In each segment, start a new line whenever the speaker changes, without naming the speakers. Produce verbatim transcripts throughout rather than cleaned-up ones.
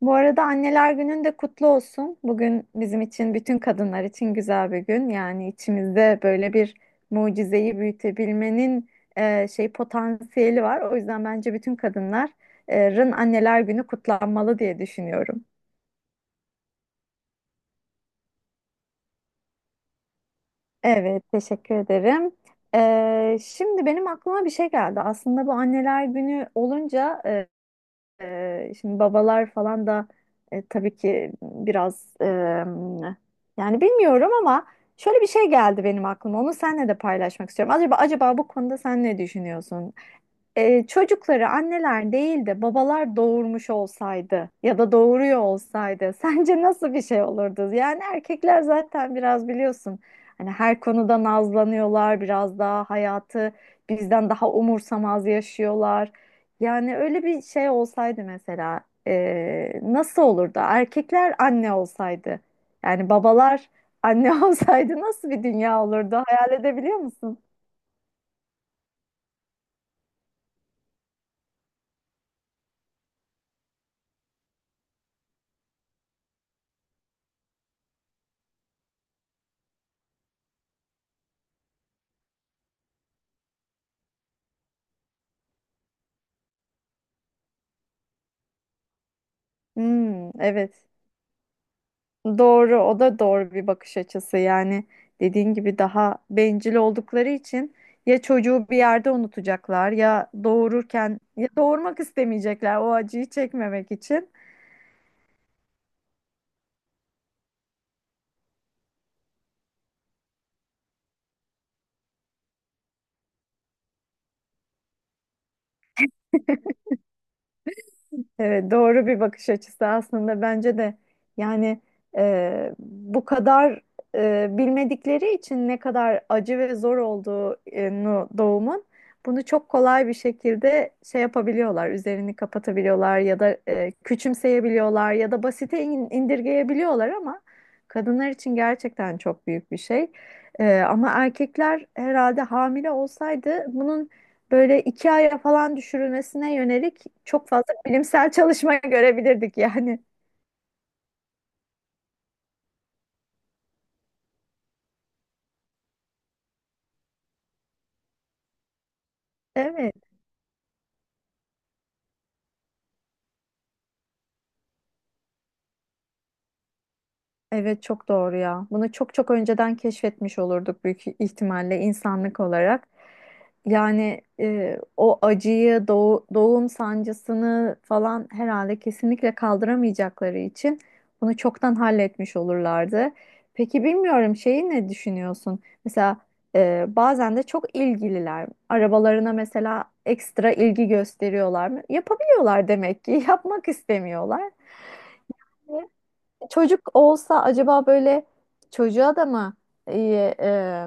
Bu arada Anneler Günün de kutlu olsun. Bugün bizim için, bütün kadınlar için güzel bir gün. Yani içimizde böyle bir mucizeyi büyütebilmenin e, şey potansiyeli var. O yüzden bence bütün kadınların e, Anneler Günü kutlanmalı diye düşünüyorum. Evet, teşekkür ederim. Ee, şimdi benim aklıma bir şey geldi. Aslında bu Anneler Günü olunca Ee, şimdi babalar falan da e, tabii ki biraz e, yani bilmiyorum ama şöyle bir şey geldi benim aklıma. Onu seninle de paylaşmak istiyorum. Acaba acaba bu konuda sen ne düşünüyorsun? E, çocukları anneler değil de babalar doğurmuş olsaydı ya da doğuruyor olsaydı sence nasıl bir şey olurdu? Yani erkekler zaten biraz biliyorsun, hani her konuda nazlanıyorlar, biraz daha hayatı bizden daha umursamaz yaşıyorlar. Yani öyle bir şey olsaydı mesela e, nasıl olurdu? Erkekler anne olsaydı, yani babalar anne olsaydı nasıl bir dünya olurdu? Hayal edebiliyor musun? Hmm, evet. Doğru, o da doğru bir bakış açısı. Yani dediğin gibi daha bencil oldukları için ya çocuğu bir yerde unutacaklar ya doğururken ya doğurmak istemeyecekler o acıyı çekmemek için. Evet, doğru bir bakış açısı aslında bence de, yani e, bu kadar e, bilmedikleri için ne kadar acı ve zor olduğunu doğumun, bunu çok kolay bir şekilde şey yapabiliyorlar, üzerini kapatabiliyorlar ya da e, küçümseyebiliyorlar ya da basite in- indirgeyebiliyorlar ama kadınlar için gerçekten çok büyük bir şey. E, ama erkekler herhalde hamile olsaydı bunun böyle iki aya falan düşürülmesine yönelik çok fazla bilimsel çalışma görebilirdik yani. Evet. Evet çok doğru ya. Bunu çok çok önceden keşfetmiş olurduk büyük ihtimalle insanlık olarak. Yani e, o acıyı, doğu- doğum sancısını falan herhalde kesinlikle kaldıramayacakları için bunu çoktan halletmiş olurlardı. Peki bilmiyorum şeyi ne düşünüyorsun? Mesela e, bazen de çok ilgililer. Arabalarına mesela ekstra ilgi gösteriyorlar mı? Yapabiliyorlar demek ki. Yapmak istemiyorlar. Çocuk olsa acaba böyle çocuğa da mı iyi, e,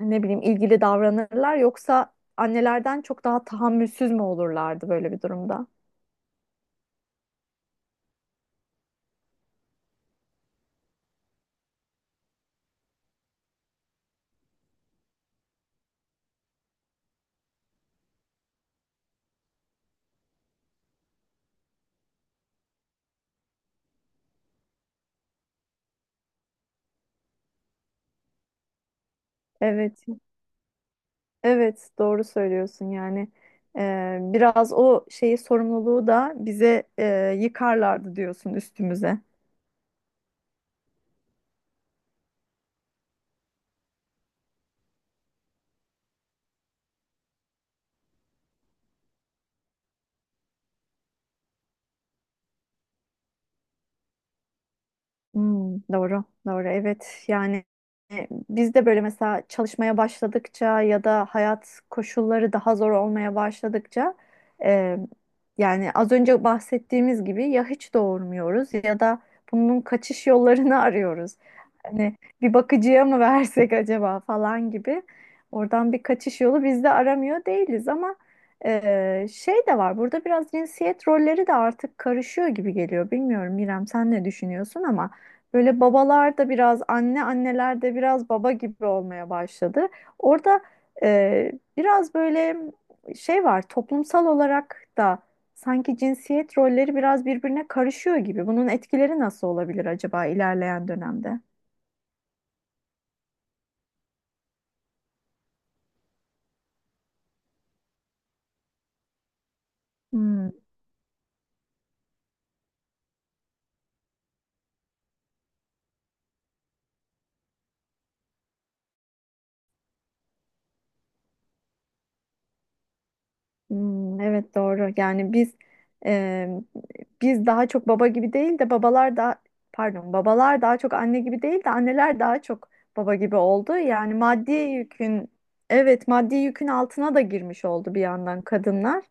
ne bileyim, ilgili davranırlar yoksa annelerden çok daha tahammülsüz mü olurlardı böyle bir durumda? Evet. Evet, doğru söylüyorsun. Yani Ee, biraz o şeyi, sorumluluğu da bize e, yıkarlardı diyorsun üstümüze. Hmm, doğru, doğru. Evet, yani e, biz de böyle mesela çalışmaya başladıkça ya da hayat koşulları daha zor olmaya başladıkça, e, yani az önce bahsettiğimiz gibi ya hiç doğurmuyoruz ya da bunun kaçış yollarını arıyoruz. Hani bir bakıcıya mı versek acaba falan gibi. Oradan bir kaçış yolu biz de aramıyor değiliz ama e, şey de var. Burada biraz cinsiyet rolleri de artık karışıyor gibi geliyor. Bilmiyorum İrem sen ne düşünüyorsun ama. Böyle babalar da biraz anne, anneler de biraz baba gibi olmaya başladı. Orada e, biraz böyle şey var, toplumsal olarak da sanki cinsiyet rolleri biraz birbirine karışıyor gibi. Bunun etkileri nasıl olabilir acaba ilerleyen dönemde? Hmm. Hmm, evet doğru. Yani biz, e, biz daha çok baba gibi değil de babalar da pardon, babalar daha çok anne gibi değil de anneler daha çok baba gibi oldu. Yani maddi yükün, evet maddi yükün altına da girmiş oldu bir yandan kadınlar.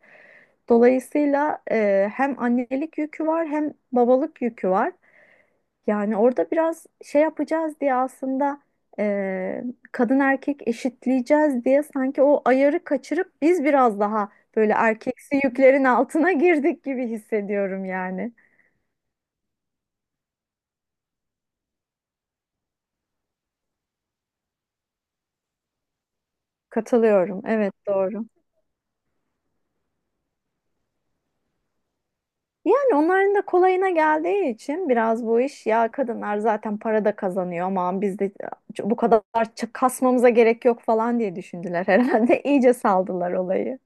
Dolayısıyla e, hem annelik yükü var hem babalık yükü var. Yani orada biraz şey yapacağız diye aslında, e, kadın erkek eşitleyeceğiz diye sanki o ayarı kaçırıp biz biraz daha böyle erkeksi yüklerin altına girdik gibi hissediyorum yani. Katılıyorum. Evet doğru. Yani onların da kolayına geldiği için biraz bu iş, ya kadınlar zaten para da kazanıyor, aman biz de bu kadar kasmamıza gerek yok falan diye düşündüler herhalde. İyice saldılar olayı.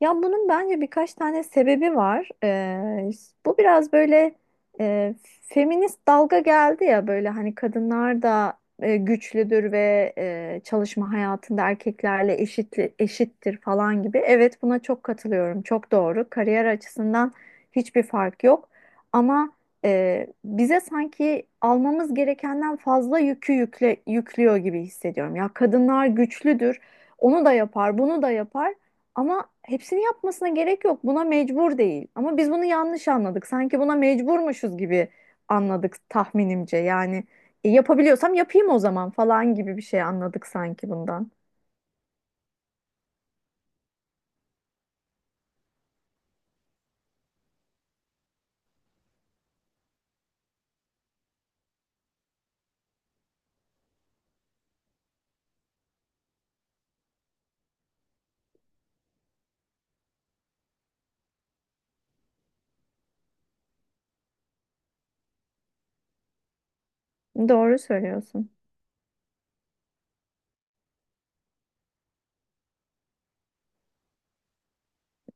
Ya bunun bence birkaç tane sebebi var. Ee, bu biraz böyle e, feminist dalga geldi ya, böyle hani kadınlar da e, güçlüdür ve e, çalışma hayatında erkeklerle eşit, eşittir falan gibi. Evet buna çok katılıyorum. Çok doğru. Kariyer açısından hiçbir fark yok. Ama e, bize sanki almamız gerekenden fazla yükü yükle, yüklüyor gibi hissediyorum. Ya kadınlar güçlüdür. Onu da yapar, bunu da yapar. Ama hepsini yapmasına gerek yok. Buna mecbur değil. Ama biz bunu yanlış anladık. Sanki buna mecburmuşuz gibi anladık tahminimce. Yani e, yapabiliyorsam yapayım o zaman falan gibi bir şey anladık sanki bundan. Doğru söylüyorsun.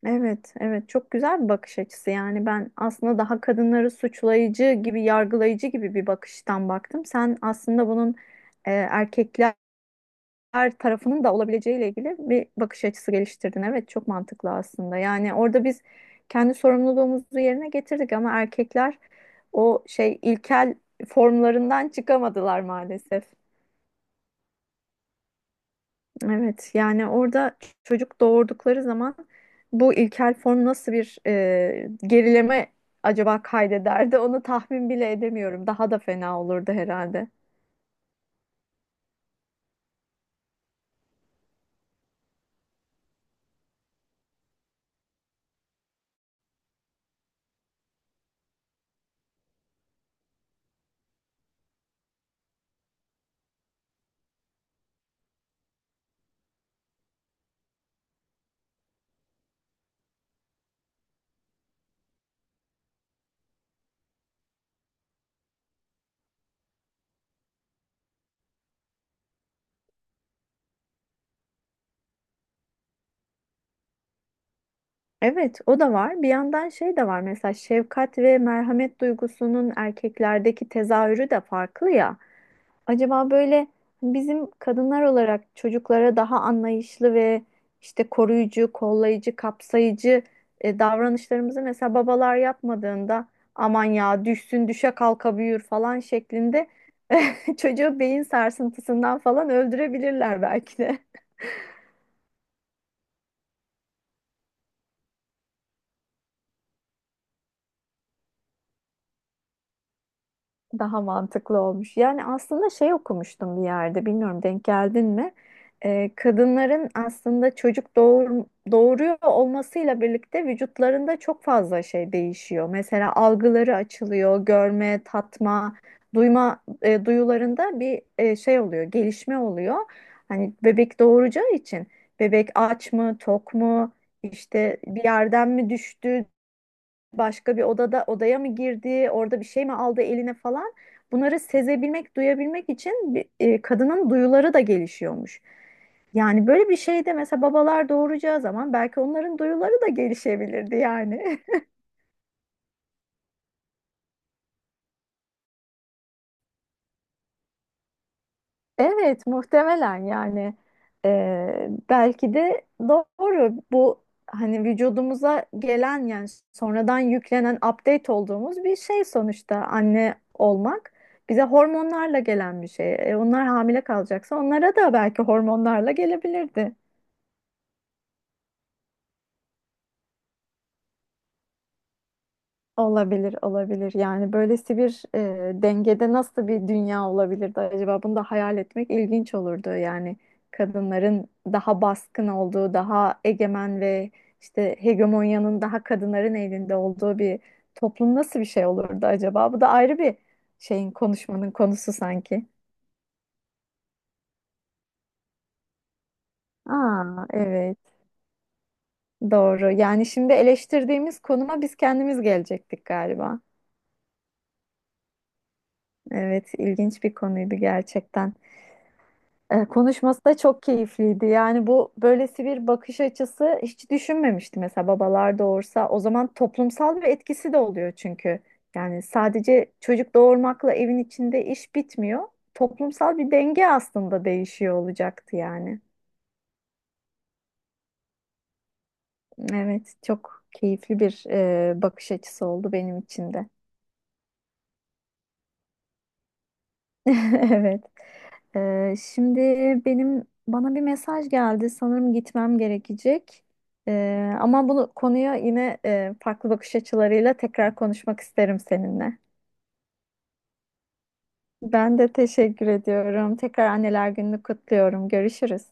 Evet, evet çok güzel bir bakış açısı. Yani ben aslında daha kadınları suçlayıcı gibi, yargılayıcı gibi bir bakıştan baktım. Sen aslında bunun e, erkekler tarafının da olabileceğiyle ilgili bir bakış açısı geliştirdin. Evet, çok mantıklı aslında. Yani orada biz kendi sorumluluğumuzu yerine getirdik ama erkekler o şey, ilkel formlarından çıkamadılar maalesef. Evet yani orada çocuk doğurdukları zaman bu ilkel form nasıl bir e, gerileme acaba kaydederdi, onu tahmin bile edemiyorum. Daha da fena olurdu herhalde. Evet o da var. Bir yandan şey de var, mesela şefkat ve merhamet duygusunun erkeklerdeki tezahürü de farklı ya. Acaba böyle bizim kadınlar olarak çocuklara daha anlayışlı ve işte koruyucu, kollayıcı, kapsayıcı e, davranışlarımızı mesela babalar yapmadığında, aman ya düşsün düşe kalka büyür falan şeklinde çocuğu beyin sarsıntısından falan öldürebilirler belki de. Daha mantıklı olmuş. Yani aslında şey okumuştum bir yerde, bilmiyorum denk geldin mi? Ee, kadınların aslında çocuk doğur, doğuruyor olmasıyla birlikte vücutlarında çok fazla şey değişiyor. Mesela algıları açılıyor, görme, tatma, duyma, e, duyularında bir e, şey oluyor, gelişme oluyor. Hani bebek doğuracağı için bebek aç mı, tok mu, işte bir yerden mi düştü, başka bir odada odaya mı girdi, orada bir şey mi aldı eline falan. Bunları sezebilmek, duyabilmek için bir- e, kadının duyuları da gelişiyormuş. Yani böyle bir şeyde mesela babalar doğuracağı zaman belki onların duyuları da gelişebilirdi yani. Evet, muhtemelen yani eee, belki de doğru bu, hani vücudumuza gelen, yani sonradan yüklenen update olduğumuz bir şey sonuçta anne olmak, bize hormonlarla gelen bir şey. E, onlar hamile kalacaksa onlara da belki hormonlarla gelebilirdi. Olabilir, olabilir. Yani böylesi bir e, dengede nasıl bir dünya olabilirdi acaba? Bunu da hayal etmek ilginç olurdu. Yani kadınların daha baskın olduğu, daha egemen ve işte hegemonyanın daha kadınların elinde olduğu bir toplum nasıl bir şey olurdu acaba? Bu da ayrı bir şeyin konuşmanın konusu sanki. Aa, evet, doğru. Yani şimdi eleştirdiğimiz konuma biz kendimiz gelecektik galiba. Evet, ilginç bir konuydu gerçekten. E, konuşması da çok keyifliydi. Yani bu, böylesi bir bakış açısı hiç düşünmemiştim, mesela babalar doğursa. O zaman toplumsal bir etkisi de oluyor çünkü. Yani sadece çocuk doğurmakla evin içinde iş bitmiyor. Toplumsal bir denge aslında değişiyor olacaktı yani. Evet, çok keyifli bir e, bakış açısı oldu benim için de. Evet. Ee, şimdi benim bana bir mesaj geldi. Sanırım gitmem gerekecek. Ee, ama bunu konuya yine e, farklı bakış açılarıyla tekrar konuşmak isterim seninle. Ben de teşekkür ediyorum. Tekrar Anneler Günü'nü kutluyorum. Görüşürüz.